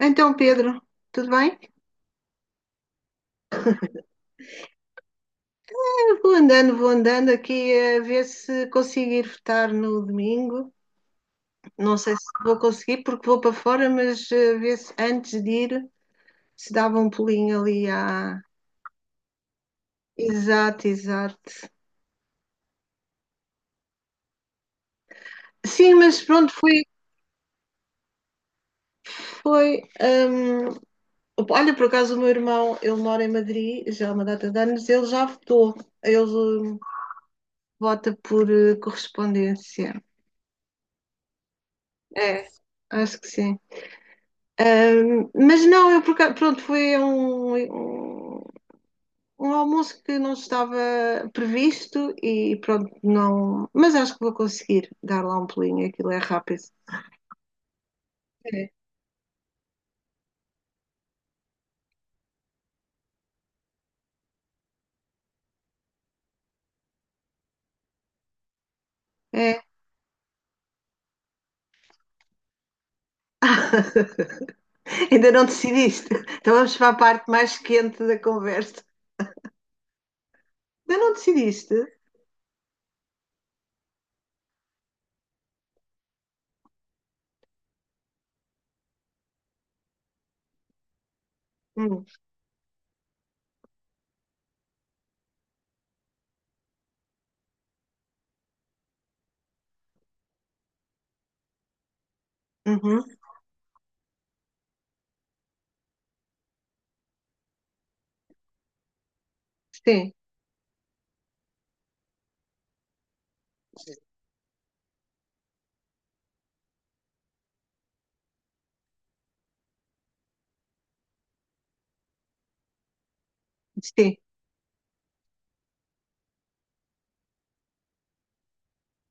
Então, Pedro, tudo bem? Eu vou andando aqui a ver se consigo ir votar no domingo. Não sei se vou conseguir porque vou para fora, mas ver se antes de ir se dava um pulinho ali à. Exato, exato. Sim, mas pronto, foi. Olha, por acaso o meu irmão, ele mora em Madrid já há uma data de anos, ele já votou. Ele vota por correspondência. É, acho que sim. Mas não, pronto, foi um, um, um almoço que não estava previsto e pronto, não. Mas acho que vou conseguir dar lá um pulinho, aquilo é rápido. É. É. Ainda não decidiste. Então vamos para a parte mais quente da conversa. Ainda não decidiste? Hum. Uhum. Sim, sim.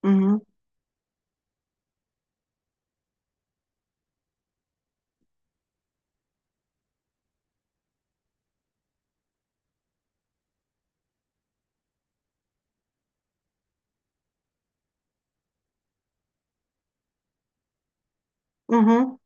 Uhum, uhum.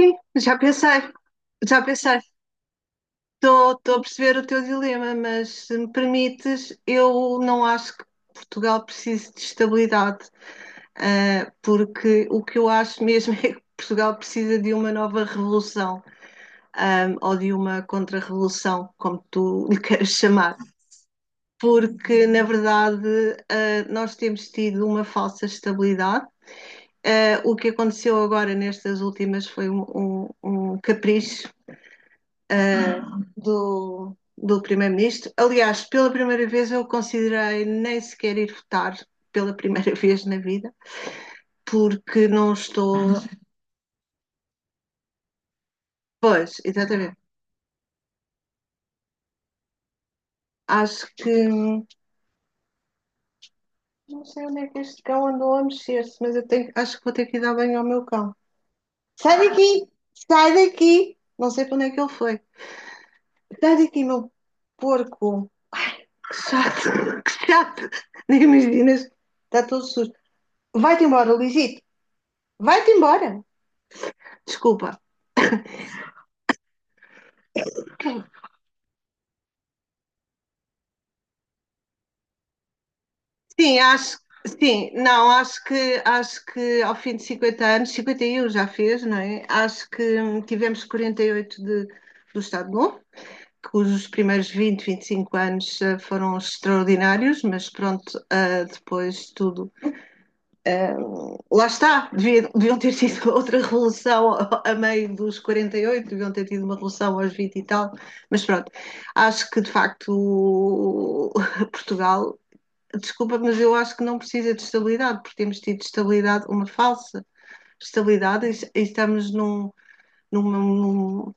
Sim, já pensei, já pensei. Estou a perceber o teu dilema, mas se me permites, eu não acho que Portugal precise de estabilidade, porque o que eu acho mesmo é que Portugal precisa de uma nova revolução, ou de uma contra-revolução, como tu lhe queiras chamar, porque na verdade, nós temos tido uma falsa estabilidade. O que aconteceu agora nestas últimas foi um capricho do primeiro-ministro. Aliás, pela primeira vez eu considerei nem sequer ir votar, pela primeira vez na vida, porque não estou. Pois, exatamente. Acho que. Não sei onde é que este cão andou a mexer-se, mas acho que vou ter que ir dar banho ao meu cão. Sai daqui! Sai daqui! Não sei para onde é que ele foi. Sai daqui, meu porco! Ai, que chato! Que chato! Nem imaginas. Está todo sujo. Vai-te embora, Lisito. Vai-te embora. Desculpa. Sim, acho, sim, não, acho que ao fim de 50 anos, 51 já fez, não é? Acho que tivemos 48 do Estado Novo, cujos primeiros 20, 25 anos foram extraordinários, mas pronto, depois tudo. ah, Lá está, deviam ter tido outra revolução a meio dos 48, deviam ter tido uma revolução aos 20 e tal, mas pronto, acho que de facto Portugal desculpa, mas eu acho que não precisa de estabilidade, porque temos tido estabilidade, uma falsa estabilidade, e estamos num. num, num-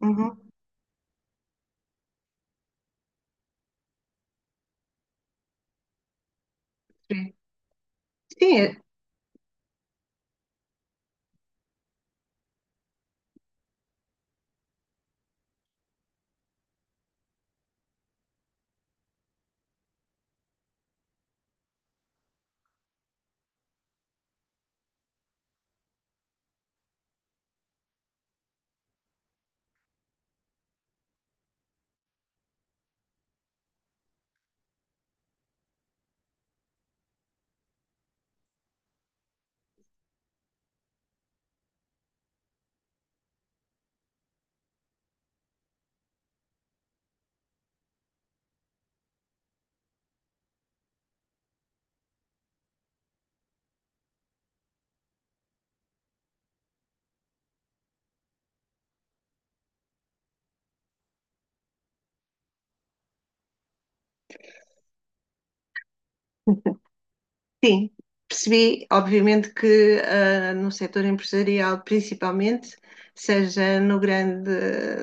Uhum. Sim, sim. Percebi, obviamente, que no setor empresarial, principalmente, seja no grande,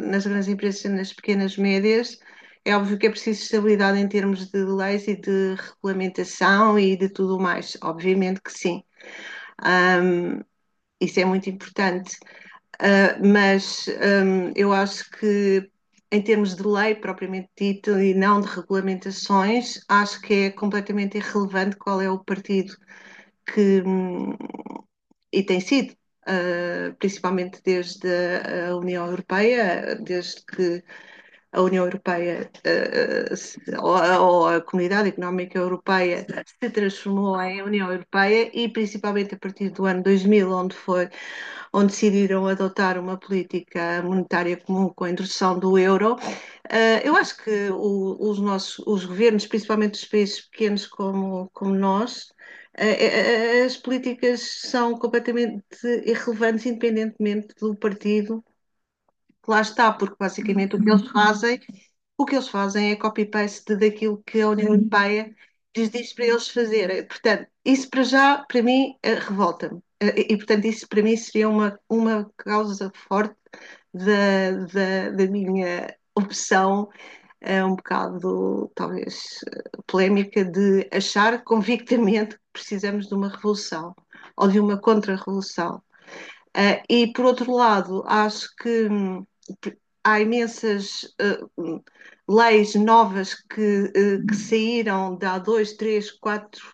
nas grandes empresas, nas pequenas médias, é óbvio que é preciso estabilidade em termos de leis e de regulamentação e de tudo mais. Obviamente que sim. Ahm, isso é muito importante. Mas eu acho que, em termos de lei propriamente dito e não de regulamentações, acho que é completamente irrelevante qual é o partido que, e tem sido, principalmente desde a União Europeia, desde que a União Europeia, ou a Comunidade Económica Europeia, se transformou em União Europeia e principalmente a partir do ano 2000, onde decidiram adotar uma política monetária comum com a introdução do euro. Eu acho que os governos, principalmente os países pequenos como nós, as políticas são completamente irrelevantes independentemente do partido que lá está, porque basicamente o que eles fazem é copy-paste daquilo que a União, uhum, Europeia lhes diz para eles fazerem. Portanto, isso para já, para mim, revolta-me. E, portanto, isso para mim seria uma causa forte da minha opção, um bocado, talvez, polémica, de achar convictamente que precisamos de uma revolução ou de uma contra-revolução. E por outro lado, acho que há imensas uh, leis novas que saíram de há dois, três, quatro,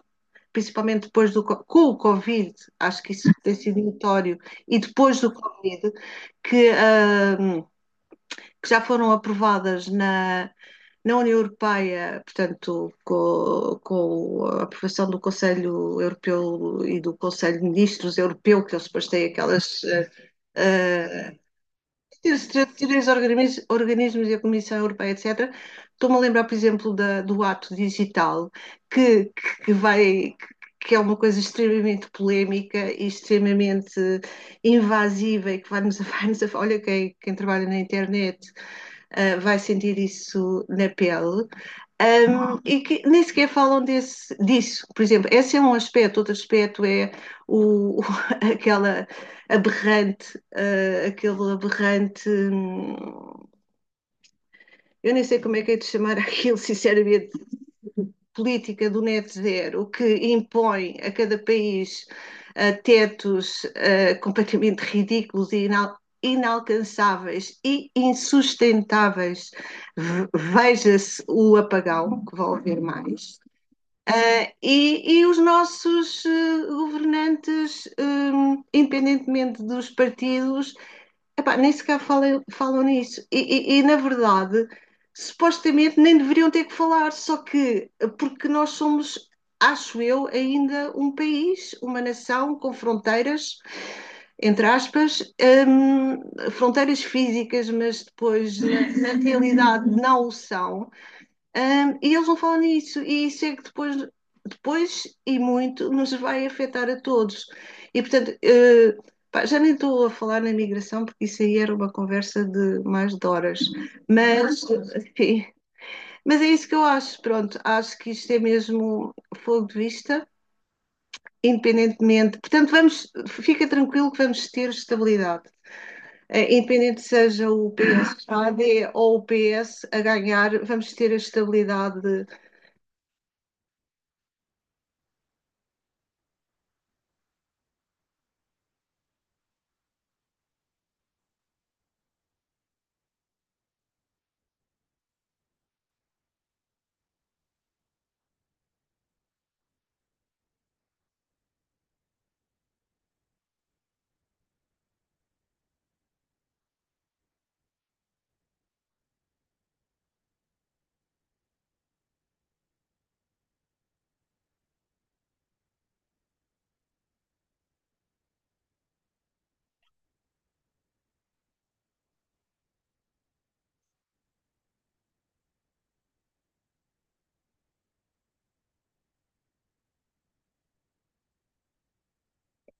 principalmente depois do com o Covid, acho que isso tem sido notório, e depois do Covid, que, uh, que já foram aprovadas na União Europeia, portanto, com a aprovação do Conselho Europeu e do Conselho de Ministros Europeu, que eles depois têm aquelas. uh, Setores determinados organismos e a Comissão Europeia, etc. Estou-me a lembrar, por exemplo, do ato digital, que, que, vai, que é uma coisa extremamente polémica e extremamente invasiva e que vai-nos vai a. Olha, quem trabalha na internet vai sentir isso na pele. E que nem sequer falam desse, disso. Por exemplo, esse é um aspecto, outro aspecto é o aquela aberrante, aquele aberrante. Eu nem sei como é que é de chamar aquilo, sinceramente, política do net zero que impõe a cada país tetos completamente ridículos e inalcançáveis e insustentáveis, veja-se o apagão, que vão haver mais. E, os nossos governantes, independentemente dos partidos, epá, nem sequer falam nisso. E, na verdade, supostamente nem deveriam ter que falar, só que porque nós somos, acho eu, ainda um país, uma nação com fronteiras, entre aspas, fronteiras físicas, mas depois na realidade não o são. E eles não falam nisso, e isso é que depois e muito nos vai afetar a todos. E portanto, pá, já nem estou a falar na migração, porque isso aí era uma conversa de mais de horas, mas, enfim, mas é isso que eu acho. Pronto, acho que isto é mesmo fogo de vista, independentemente. Portanto, vamos, fica tranquilo que vamos ter estabilidade. Independente seja o PSD ou o PS a ganhar, vamos ter a estabilidade.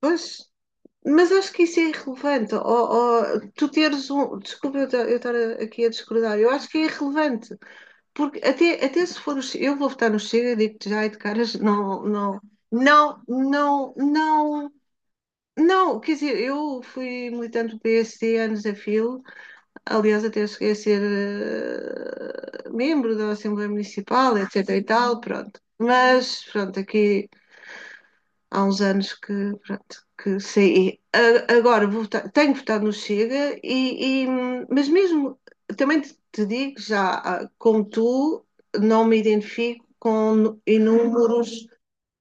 Pois, mas acho que isso é irrelevante. Ou tu teres um. Eu estar aqui a discordar. Eu acho que é irrelevante. Porque até se for. Eu vou votar no Chega, digo-te já e de caras, não, não, não, não, não. Não, quer dizer, eu fui militante do PSD anos a fio, aliás, até cheguei a ser membro da Assembleia Municipal, etc. e tal, pronto. Mas, pronto, aqui há uns anos que, pronto, que saí. Tenho votado no Chega, e, mas mesmo também te digo já, como tu, não me identifico com inúmeros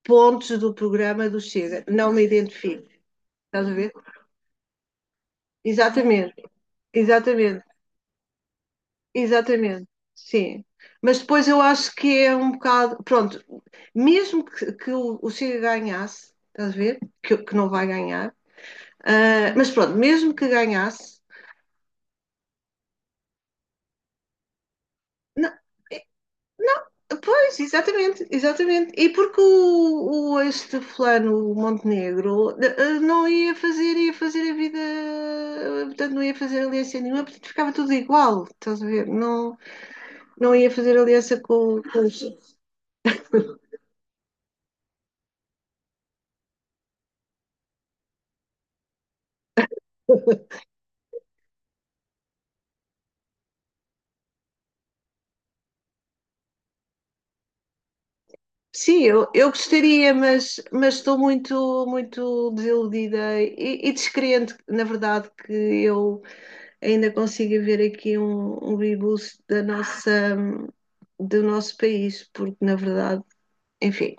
pontos do programa do Chega. Não me identifico. Estás a ver? Exatamente, exatamente, exatamente. Sim. Mas depois eu acho que é um bocado. Pronto, mesmo que o Chega ganhasse, estás a ver? Que não vai ganhar. Mas pronto, mesmo que ganhasse. Não, eh, não, pois, exatamente, exatamente. E porque o este fulano, o Montenegro, não ia fazer, ia fazer a vida. Portanto, não ia fazer aliança nenhuma, portanto, ficava tudo igual, estás a ver? Não, não ia fazer aliança com os. Sim, eu gostaria, mas estou muito, muito desiludida e descrente, na verdade, que eu ainda consiga ver aqui um rebuço da nossa, do nosso país, porque na verdade, enfim.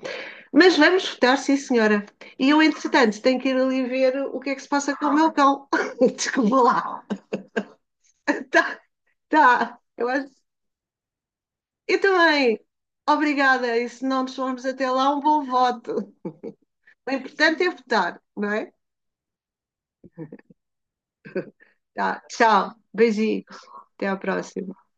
Mas vamos votar, sim, senhora. E eu, entretanto, tenho que ir ali ver o que é que se passa com o meu cão. Desculpa lá. Tá, tá. Eu também. Obrigada. E se não nos formos até lá, um bom voto. O importante é votar, não é? Tá. Tchau. Beijinho. Até à próxima.